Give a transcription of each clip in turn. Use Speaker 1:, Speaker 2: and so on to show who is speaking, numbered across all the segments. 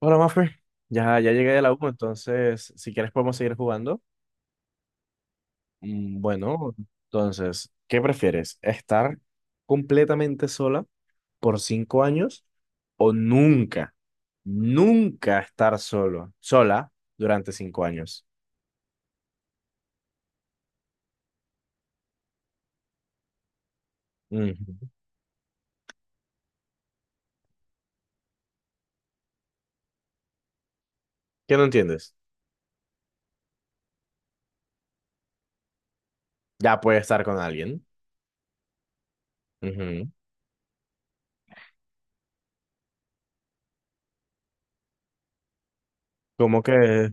Speaker 1: Hola, Mafe. Ya llegué de la U, entonces, si quieres podemos seguir jugando. Bueno, entonces, ¿qué prefieres? ¿Estar completamente sola por 5 años o nunca, nunca estar solo, sola durante 5 años? Ujú. ¿Qué no entiendes? Ya puedes estar con alguien. Ujú. ¿Cómo que?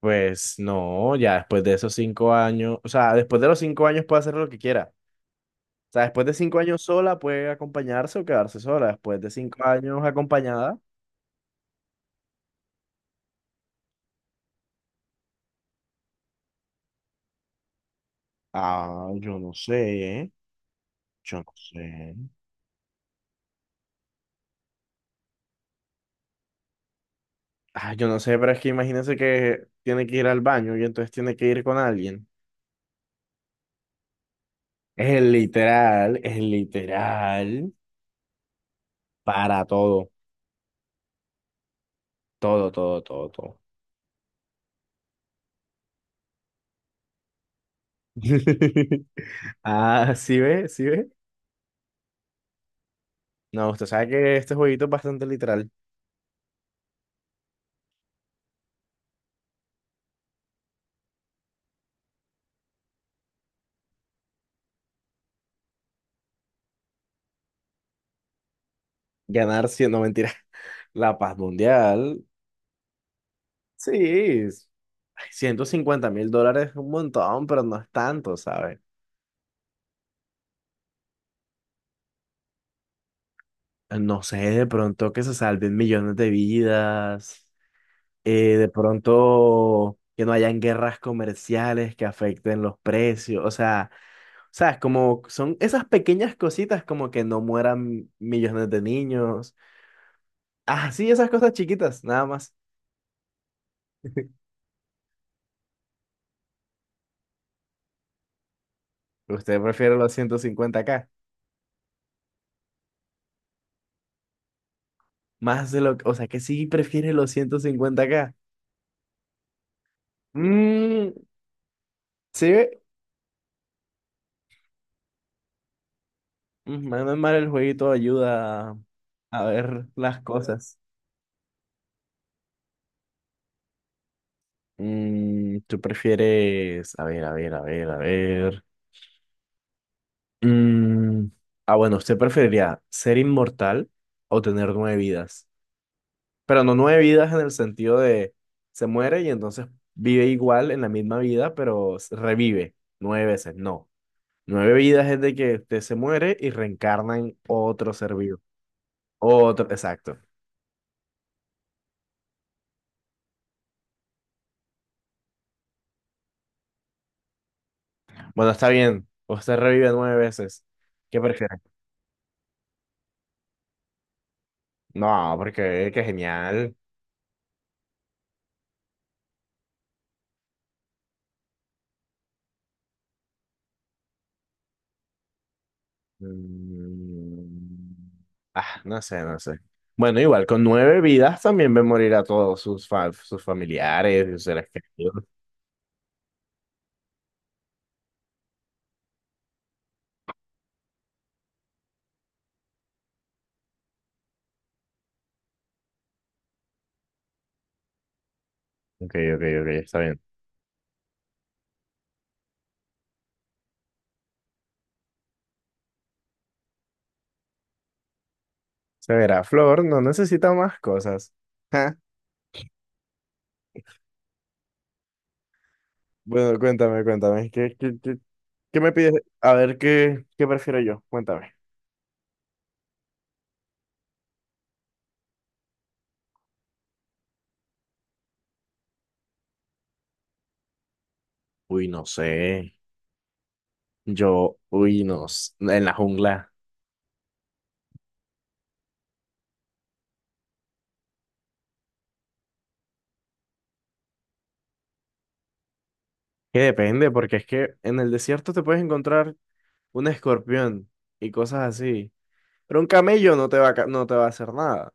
Speaker 1: Pues no, ya después de esos 5 años, o sea, después de los 5 años puede hacer lo que quiera. O sea, después de 5 años sola puede acompañarse o quedarse sola. Después de 5 años acompañada. Ah, yo no sé, ¿eh? Yo no sé. Ah, yo no sé, pero es que imagínense que tiene que ir al baño y entonces tiene que ir con alguien. Es literal, es literal. Para todo, todo, todo, todo, todo. Ah, ¿sí ve? ¿Sí ve? No, usted sabe que este jueguito es bastante literal. Ganar 100, no mentira. La paz mundial. Sí, es- ay, 150 mil dólares es un montón, pero no es tanto, ¿sabes? No sé, de pronto que se salven millones de vidas, de pronto que no hayan guerras comerciales que afecten los precios, o sea, es como son esas pequeñas cositas como que no mueran millones de niños, ah, sí, esas cosas chiquitas, nada más. Usted prefiere los 150K. O sea, que sí prefiere los 150K. Mm, sí. Menos mal el jueguito ayuda a ver las cosas. Mm, ¿tú prefieres? A ver, a ver, a ver, a ver. Mm, ah, bueno, ¿usted preferiría ser inmortal o tener nueve vidas? Pero no nueve vidas en el sentido de se muere y entonces vive igual en la misma vida, pero revive nueve veces. No. Nueve vidas es de que usted se muere y reencarna en otro ser vivo. Otro, exacto. Bueno, está bien. Usted revive nueve veces. ¿Qué prefiere? No, porque qué genial. Mm, Ah, no sé, no sé. Bueno, igual, con nueve vidas también ve morir a todos sus familiares y sus seres queridos. Ok, ok, ok, está bien. Se verá, Flor, no necesita más cosas. Ja. Bueno, cuéntame, cuéntame. ¿Qué me pides? A ver, ¿qué prefiero yo? Cuéntame. Uy, no sé. Yo, uy, no. En la jungla. Que depende, porque es que en el desierto te puedes encontrar un escorpión y cosas así. Pero un camello no te va no te va a hacer nada.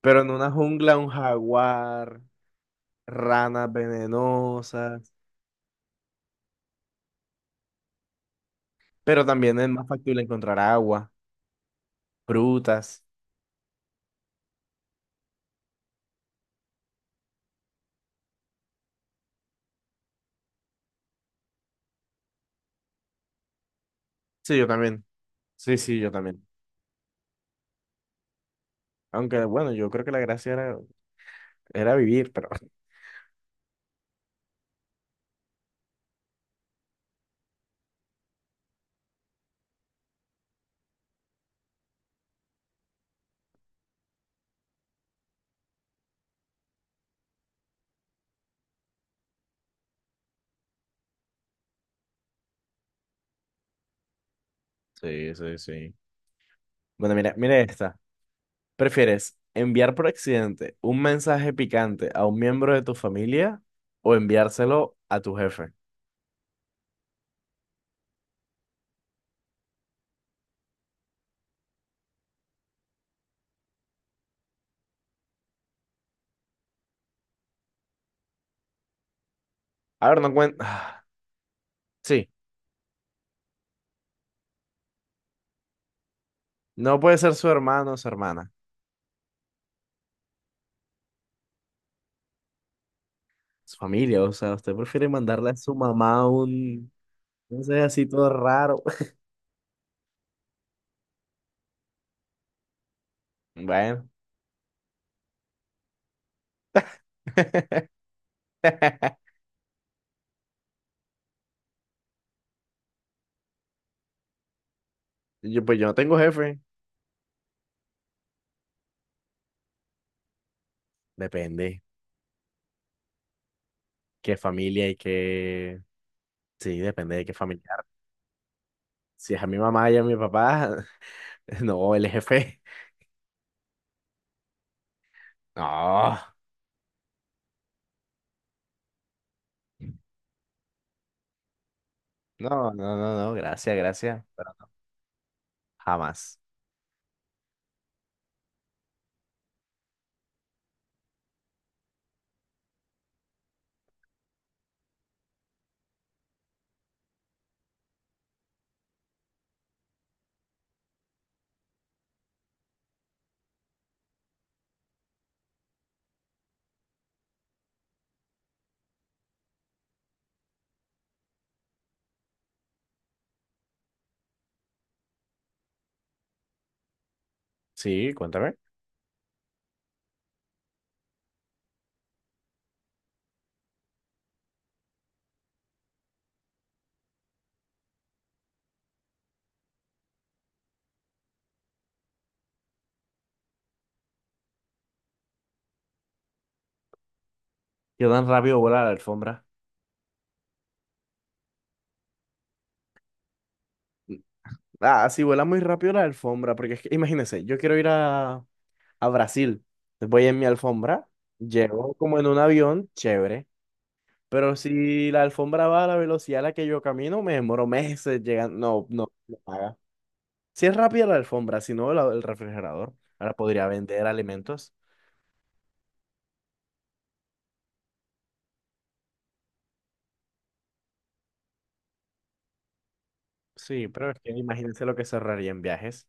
Speaker 1: Pero en una jungla, un jaguar, ranas venenosas. Pero también es más factible encontrar agua, frutas. Sí, yo también. Sí, sí, yo también. Aunque bueno, yo creo que la gracia era vivir, pero. Sí, sí, sí. Bueno, mira, mira esta. ¿Prefieres enviar por accidente un mensaje picante a un miembro de tu familia o enviárselo a tu jefe? A ver, no cuenta. Sí. No puede ser su hermano o su hermana, su familia, o sea, usted prefiere mandarle a su mamá un, no sé, así todo raro. Bueno. Yo, pues yo no tengo jefe, depende qué familia y qué, sí, depende de qué familiar. Si es a mi mamá y a mi papá, no, el jefe, no, no, no, no, no, gracias, gracias, pero no, jamás. Sí, cuéntame. Yo tan rápido vuela la alfombra. Mm, Ah, sí, vuela muy rápido la alfombra, porque es que, imagínense, yo quiero ir a Brasil. Voy en mi alfombra, llego como en un avión, chévere. Pero si la alfombra va a la velocidad a la que yo camino, me demoro meses llegando. No, no, no paga. Si es rápida la alfombra, si no, el refrigerador. Ahora podría vender alimentos. Sí, pero es que imagínense lo que se ahorraría en viajes.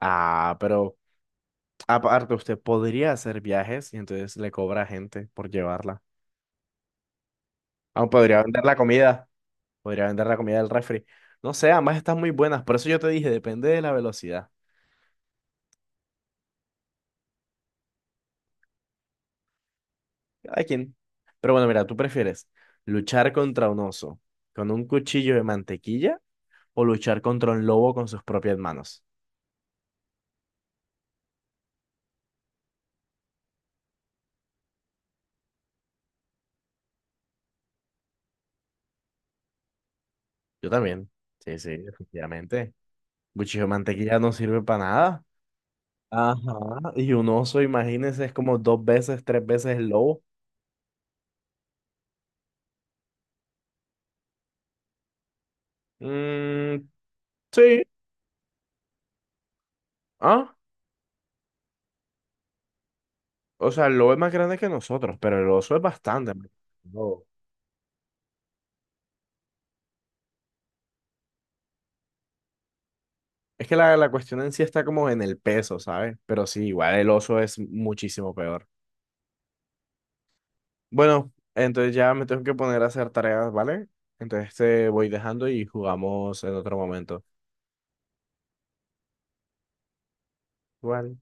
Speaker 1: Ah, pero aparte usted podría hacer viajes y entonces le cobra a gente por llevarla. Aún podría vender la comida. Podría vender la comida del refri. No sé, ambas están muy buenas. Por eso yo te dije, depende de la velocidad. Cada quien. Pero bueno, mira, ¿tú prefieres luchar contra un oso con un cuchillo de mantequilla o luchar contra un lobo con sus propias manos? Yo también. Sí, sí, efectivamente. Cuchillo de mantequilla no sirve para nada. Ajá. Y un oso, imagínense, es como dos veces, tres veces el lobo. Mm, sí. Ah, o sea, el lobo es más grande que nosotros, pero el oso es bastante más grande que el lobo. Es que la cuestión en sí está como en el peso, ¿sabes? Pero sí, igual el oso es muchísimo peor. Bueno, entonces ya me tengo que poner a hacer tareas, ¿vale? Entonces te voy dejando y jugamos en otro momento. Igual.